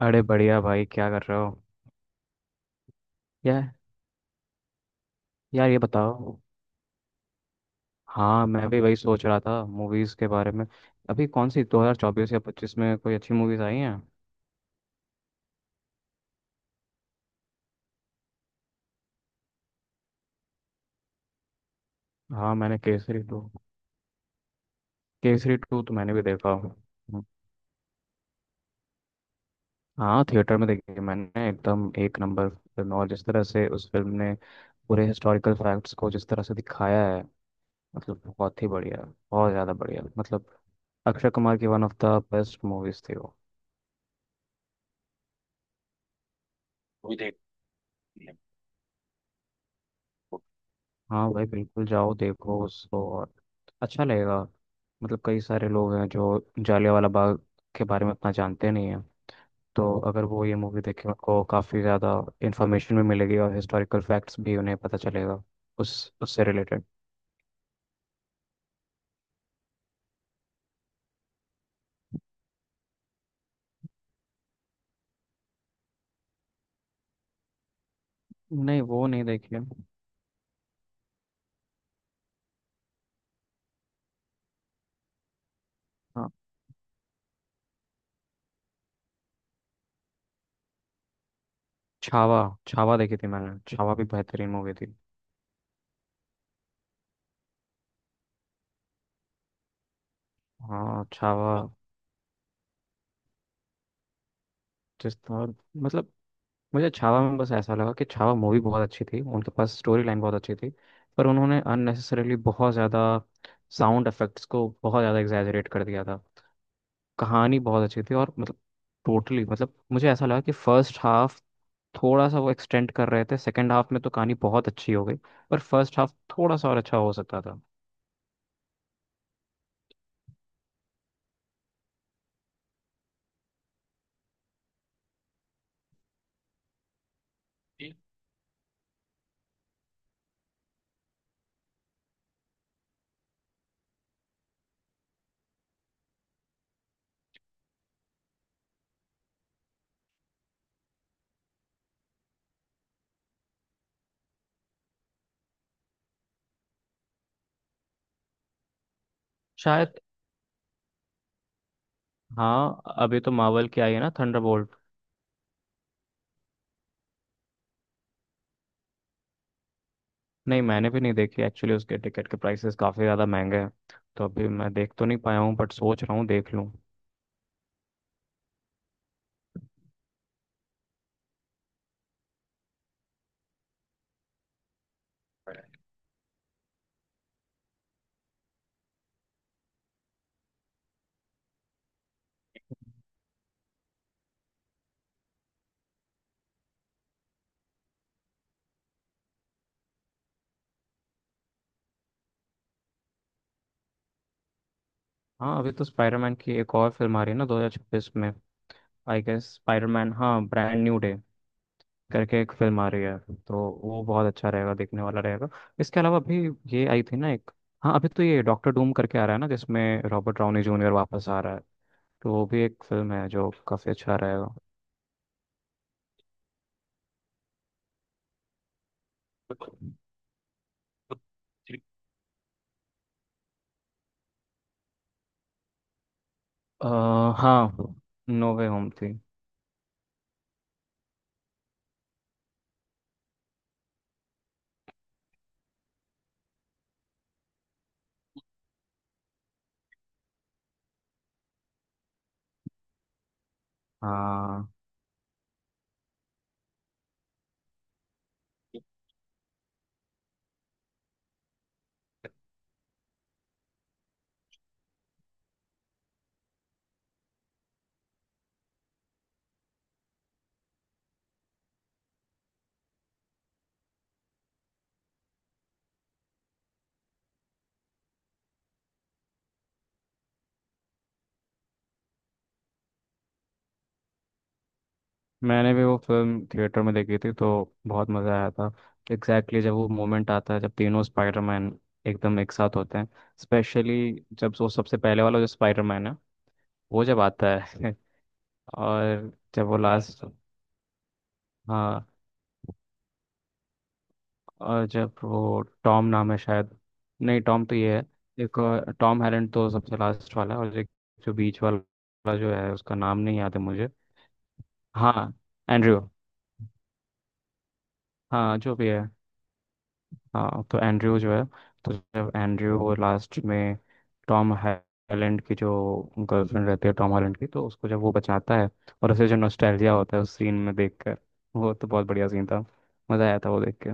अरे बढ़िया भाई, क्या कर रहे हो। यार, यार ये बताओ। हाँ मैं भी वही सोच रहा था मूवीज़ के बारे में। अभी कौन सी 2024 या 25 में कोई अच्छी मूवीज़ आई हैं। हाँ मैंने केसरी टू। केसरी टू तो मैंने भी देखा। हाँ थिएटर में देखी है मैंने। एकदम एक नंबर फिल्म, और जिस तरह से उस फिल्म ने पूरे हिस्टोरिकल फैक्ट्स को जिस तरह से दिखाया है, मतलब बहुत ही बढ़िया। बहुत ज़्यादा बढ़िया। मतलब अक्षय कुमार की one of the best movies थी वो। वो भी देखते हैं। हाँ भाई बिल्कुल, जाओ देखो उसको, और अच्छा लगेगा। मतलब कई सारे लोग हैं जो जालियांवाला बाग के बारे में उतना जानते नहीं हैं। तो अगर वो ये मूवी देखें, उनको काफ़ी ज़्यादा इन्फॉर्मेशन भी मिलेगी और हिस्टोरिकल फैक्ट्स भी उन्हें पता चलेगा उस उससे रिलेटेड। नहीं वो नहीं देखी है। हाँ छावा। छावा देखी थी मैंने। छावा भी बेहतरीन मूवी थी। हाँ छावा जिस तरह, मतलब मुझे छावा में बस ऐसा लगा कि छावा मूवी बहुत अच्छी थी, उनके पास स्टोरी लाइन बहुत अच्छी थी। पर उन्होंने अननेसेसरीली बहुत ज़्यादा साउंड इफेक्ट्स को बहुत ज़्यादा एग्जैजरेट कर दिया था। कहानी बहुत अच्छी थी और मतलब टोटली, मतलब मुझे ऐसा लगा कि फर्स्ट हाफ थोड़ा सा वो एक्सटेंड कर रहे थे। सेकेंड हाफ में तो कहानी बहुत अच्छी हो गई, पर फर्स्ट हाफ थोड़ा सा और अच्छा हो सकता था। शायद। हाँ अभी तो मार्वल की आई है ना थंडर। नहीं मैंने भी नहीं देखी एक्चुअली, उसके टिकट के प्राइसेस काफ़ी ज़्यादा महंगे हैं। तो अभी मैं देख तो नहीं पाया हूँ, बट सोच रहा हूँ देख लूँ। हाँ अभी तो स्पाइडरमैन की एक और फिल्म आ रही है ना 2026 में। आई गेस स्पाइडरमैन हाँ ब्रांड न्यू डे करके एक फिल्म आ रही है। तो वो बहुत अच्छा रहेगा, देखने वाला रहेगा। इसके अलावा अभी ये आई थी ना एक, हाँ अभी तो ये डॉक्टर डूम करके आ रहा है ना, जिसमें रॉबर्ट डाउनी जूनियर वापस आ रहा है। तो वो भी एक फिल्म है जो काफ़ी अच्छा रहेगा। अ, हाँ नो वे होम थी। हाँ मैंने भी वो फिल्म थिएटर में देखी थी, तो बहुत मज़ा आया था। एग्जैक्टली exactly जब वो मोमेंट आता है जब तीनों स्पाइडरमैन एकदम एक साथ होते हैं। स्पेशली जब वो सबसे पहले वाला जो स्पाइडरमैन है वो जब आता है। और जब वो लास्ट, हाँ, और जब वो टॉम, नाम है शायद, नहीं टॉम तो ये है, टॉम हैरेंड तो सबसे लास्ट वाला है, और एक जो बीच वाला जो है उसका नाम नहीं याद है मुझे। हाँ एंड्रयू। हाँ जो भी है। हाँ तो एंड्रयू जो है, तो जब एंड्रयू वो लास्ट में टॉम हॉलैंड की जो गर्लफ्रेंड रहती है टॉम हॉलैंड की, तो उसको जब वो बचाता है और उसे जो नॉस्टैल्जिया होता है उस सीन में देखकर, वो तो बहुत बढ़िया सीन था। मज़ा आया था वो देख के।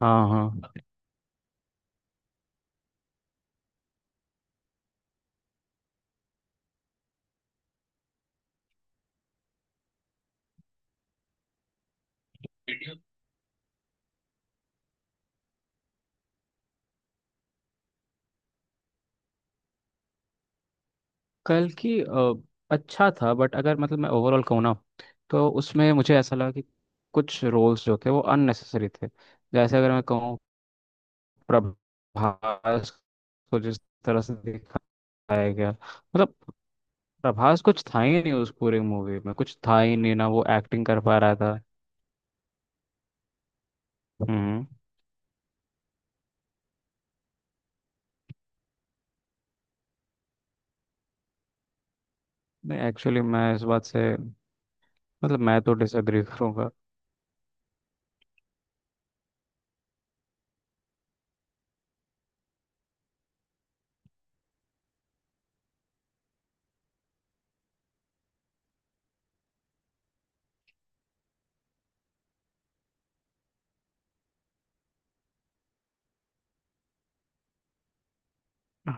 हाँ हाँ, कल की, अच्छा था, बट अगर मतलब मैं ओवरऑल कहूँ ना, तो उसमें मुझे ऐसा लगा कि कुछ रोल्स जो थे वो अननेसेसरी थे। जैसे अगर मैं कहूँ, प्रभास को जिस तरह से दिखाया गया, मतलब प्रभास कुछ था ही नहीं उस पूरी मूवी में, कुछ था ही नहीं, ना वो एक्टिंग कर पा रहा था। हम्म, नहीं एक्चुअली, मैं इस बात से, मतलब मैं तो डिसएग्री करूंगा।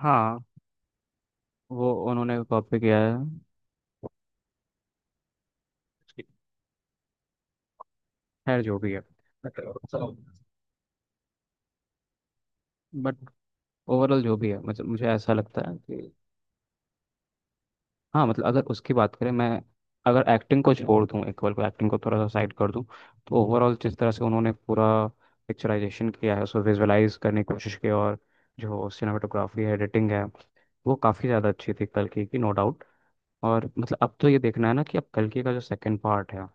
हाँ वो उन्होंने कॉपी किया है। खैर जो भी है। बट ओवरऑल जो भी है, मतलब मुझे ऐसा लगता है कि, हाँ मतलब अगर उसकी बात करें, मैं अगर एक्टिंग को छोड़ दूँ, एक बार को एक्टिंग को थोड़ा सा साइड कर दूँ, तो ओवरऑल जिस तरह से उन्होंने पूरा पिक्चराइजेशन किया है, उसको विजुअलाइज करने की कोशिश की, और जो सिनेमाटोग्राफी है, एडिटिंग है, वो काफ़ी ज़्यादा अच्छी थी कल की, नो डाउट। और मतलब अब तो ये देखना है ना कि अब कल की का जो सेकंड पार्ट है,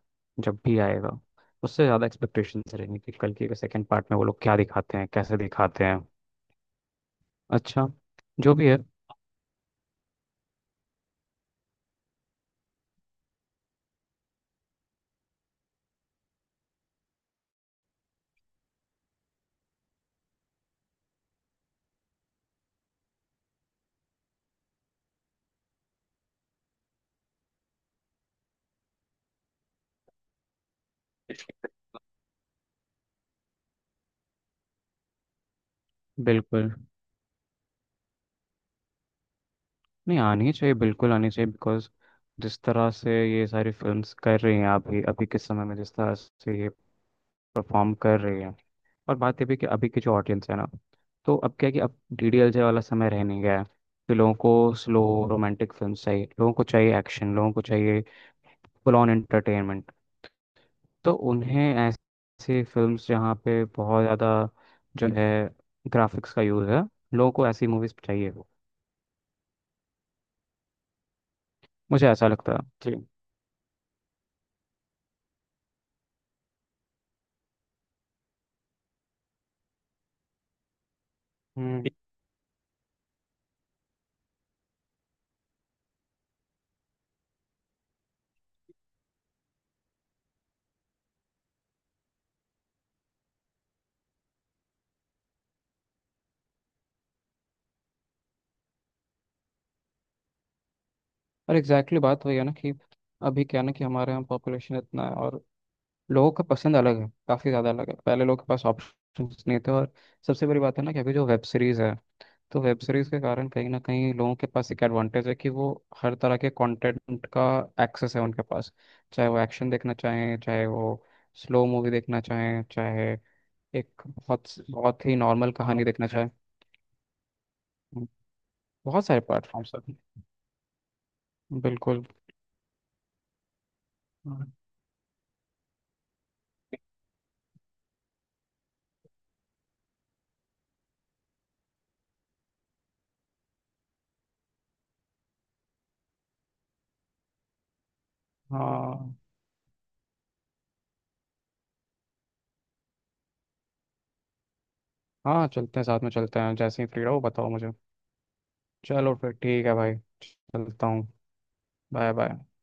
जब भी आएगा, उससे ज़्यादा एक्सपेक्टेशंस रहेंगी कि कल की के सेकंड पार्ट में वो लोग क्या दिखाते हैं, कैसे दिखाते हैं। अच्छा, जो भी है। बिल्कुल, नहीं आनी चाहिए, बिल्कुल आनी चाहिए, बिकॉज जिस तरह से ये सारी फिल्म्स कर रही हैं अभी, अभी के समय में जिस तरह से ये परफॉर्म कर रही हैं, और बात ये भी कि अभी की जो ऑडियंस है ना, तो अब क्या है कि अब डी डी एल जे वाला समय रह नहीं गया है। तो लोगों को स्लो रोमांटिक फिल्म चाहिए, लोगों को चाहिए एक्शन, लोगों को चाहिए फुल ऑन एंटरटेनमेंट। तो उन्हें ऐसी फिल्म्स जहाँ पे बहुत ज़्यादा जो है ग्राफिक्स का यूज़ है, लोगों को ऐसी मूवीज़ चाहिए। मुझे ऐसा लगता है। जी। हम्म, और एग्जैक्टली बात वही है ना कि, अभी क्या है ना कि हमारे यहाँ पॉपुलेशन इतना है, और लोगों का पसंद अलग है, काफ़ी ज़्यादा अलग है। पहले लोगों के पास ऑप्शंस नहीं थे, और सबसे बड़ी बात है ना कि अभी जो वेब सीरीज़ है, तो वेब सीरीज़ के कारण कहीं ना कहीं लोगों के पास एक एडवांटेज है कि वो हर तरह के कंटेंट का एक्सेस है उनके पास। चाहे वो एक्शन देखना चाहें, चाहे वो स्लो मूवी देखना चाहें, चाहे एक बहुत बहुत ही नॉर्मल कहानी देखना चाहें। बहुत सारे प्लेटफॉर्म्स हैं, बिल्कुल। हाँ हाँ चलते हैं, साथ में चलते हैं, जैसे ही फ्री रहो बताओ मुझे। चलो फिर ठीक है भाई, चलता हूँ। Bye bye.